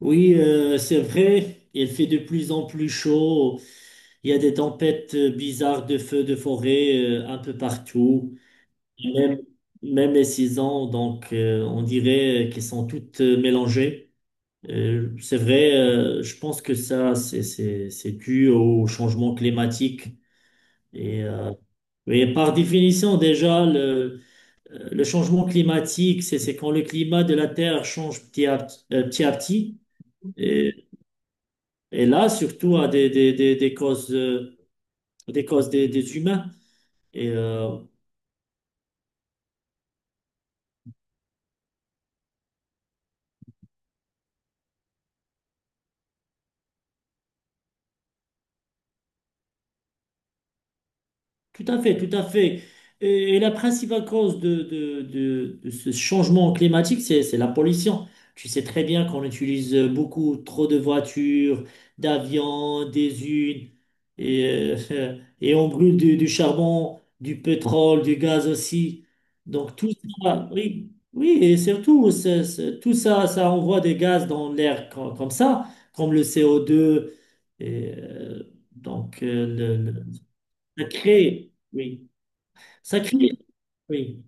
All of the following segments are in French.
Oui, c'est vrai, il fait de plus en plus chaud. Il y a des tempêtes bizarres de feux de forêt un peu partout, même, même les saisons. Donc, on dirait qu'elles sont toutes mélangées. C'est vrai, je pense que ça, c'est dû au changement climatique. Et, euh, et par définition, déjà, le changement climatique, c'est quand le climat de la Terre change petit à petit, petit à petit. Et là, surtout à des causes, des causes des humains. Et euh, Tout à fait, tout à fait. Et la principale cause de ce changement climatique, c'est la pollution. Tu sais très bien qu'on utilise beaucoup trop de voitures, d'avions, des unes, et on brûle du charbon, du pétrole, du gaz aussi. Donc tout ça, oui, oui, et surtout, tout ça, ça envoie des gaz dans l'air comme ça, comme le CO2. Et, euh, donc, Ça crée, oui. Ça crée, oui.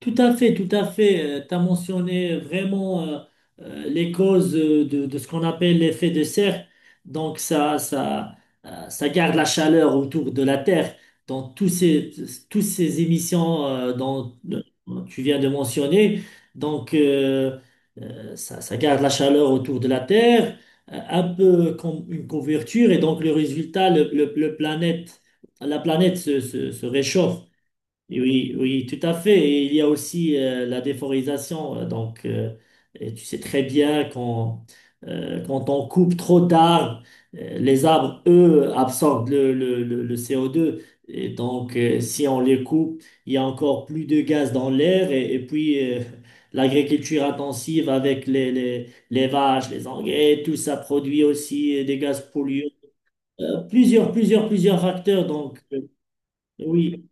Tout à fait, tout à fait. Tu as mentionné vraiment les causes de ce qu'on appelle l'effet de serre. Donc ça garde la chaleur autour de la Terre. Donc tous ces émissions dont tu viens de mentionner, donc euh, ça garde la chaleur autour de la Terre, un peu comme une couverture. Et donc le résultat, la planète se réchauffe. Oui, oui, tout à fait. Et il y a aussi la déforestation. Et tu sais très bien quand on coupe trop d'arbres, les arbres, eux, absorbent le CO2. Et si on les coupe, il y a encore plus de gaz dans l'air. Et puis, l'agriculture intensive avec les vaches, les engrais, tout ça produit aussi des gaz polluants. Plusieurs facteurs. Oui,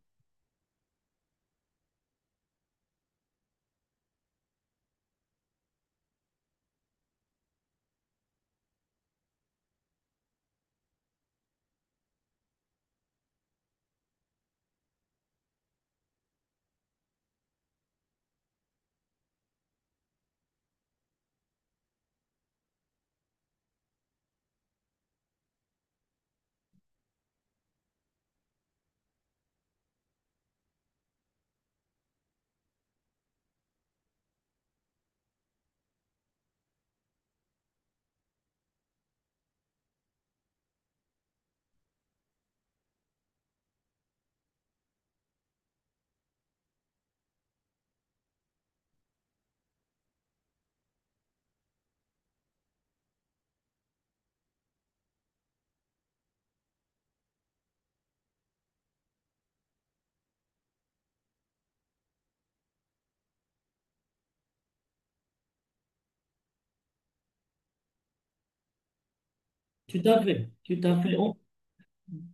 Tout à fait, tout à fait.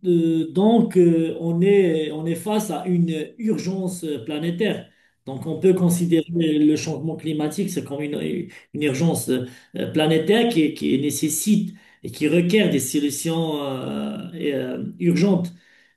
On est face à une urgence planétaire. Donc, on peut considérer le changement climatique, c'est comme une urgence planétaire qui nécessite et qui requiert des solutions urgentes.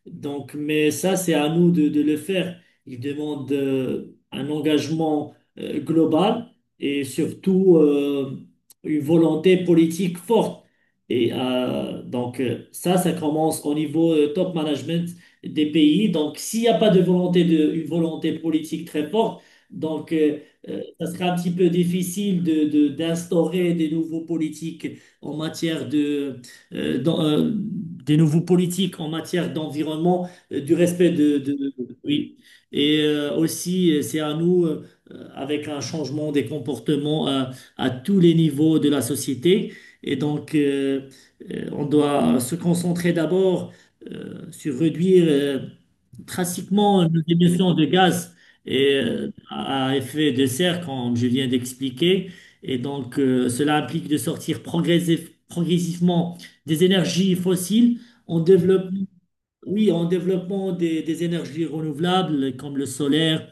Donc, mais ça, c'est à nous de le faire. Il demande un engagement global et surtout une volonté politique forte. Ça commence au niveau top management des pays. Donc, s'il n'y a pas de une volonté politique très forte, donc, euh, ça sera un petit peu difficile d'instaurer des nouveaux politiques en matière de dans, des nouveaux politiques en matière d'environnement, du respect oui. Aussi, c'est à nous, avec un changement des comportements à tous les niveaux de la société. Et donc, euh, on doit se concentrer d'abord sur réduire, pratiquement, nos émissions de gaz à effet de serre, comme je viens d'expliquer, et cela implique de sortir progressivement des énergies fossiles en développant, oui, en développant des énergies renouvelables comme le solaire,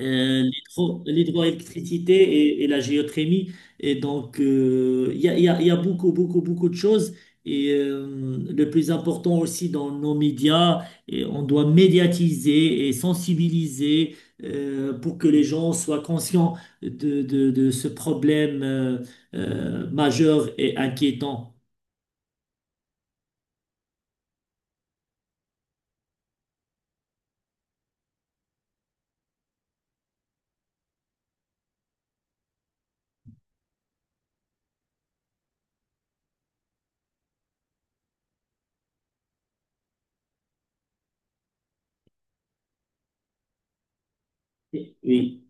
l'hydroélectricité et la géothermie. Et il y a beaucoup, beaucoup, beaucoup de choses. Le plus important aussi dans nos médias, et on doit médiatiser et sensibiliser pour que les gens soient conscients de ce problème majeur et inquiétant. Oui,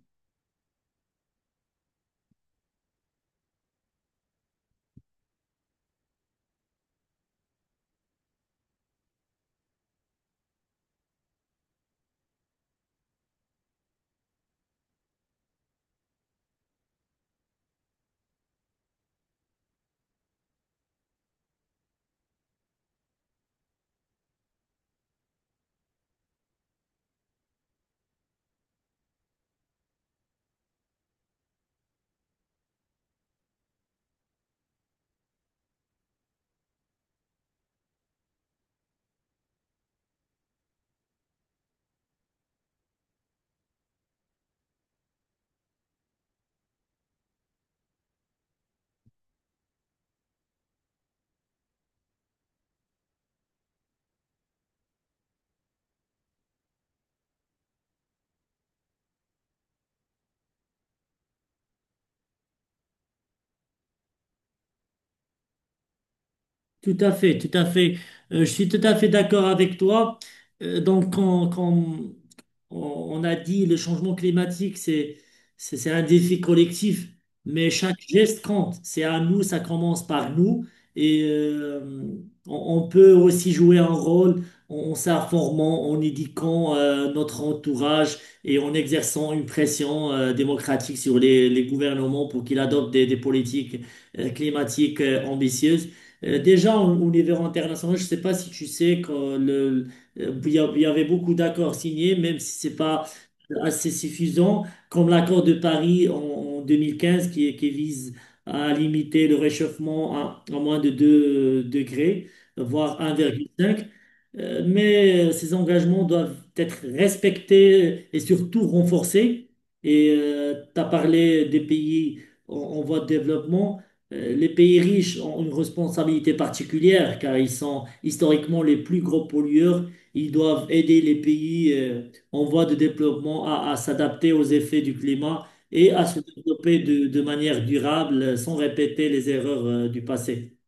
tout à fait, tout à fait. Je suis tout à fait d'accord avec toi. Quand on a dit le changement climatique, c'est un défi collectif, mais chaque geste compte. C'est à nous, ça commence par nous. Et euh, on peut aussi jouer un rôle en s'informant, en éduquant notre entourage et en exerçant une pression démocratique sur les gouvernements pour qu'ils adoptent des politiques climatiques ambitieuses. Déjà, au niveau international, je ne sais pas si tu sais que le, Il y a- il y avait beaucoup d'accords signés, même si c'est pas assez suffisant, comme l'accord de Paris en 2015 qui vise à limiter le réchauffement à moins de 2 degrés, voire 1,5. Mais ces engagements doivent être respectés et surtout renforcés. Et tu as parlé des pays en voie de développement. Les pays riches ont une responsabilité particulière car ils sont historiquement les plus gros pollueurs. Ils doivent aider les pays en voie de développement à s'adapter aux effets du climat et à se développer de manière durable sans répéter les erreurs du passé.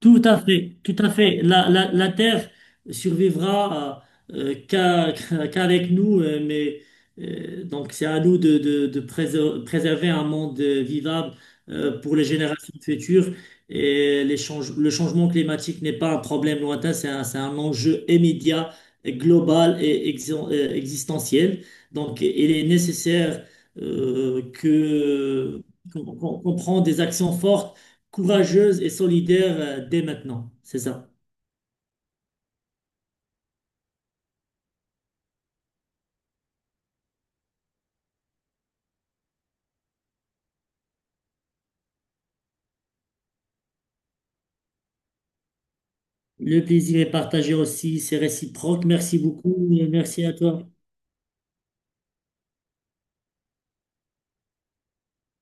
Tout à fait, tout à fait. La Terre survivra qu'avec nous, mais c'est à nous de préserver un monde vivable pour les générations futures. Le changement climatique n'est pas un problème lointain, c'est un enjeu immédiat, et global et existentiel. Donc il est nécessaire euh, que qu'on prenne des actions fortes, courageuse et solidaire dès maintenant. C'est ça. Le plaisir est partagé aussi, c'est réciproque. Merci beaucoup et merci à toi.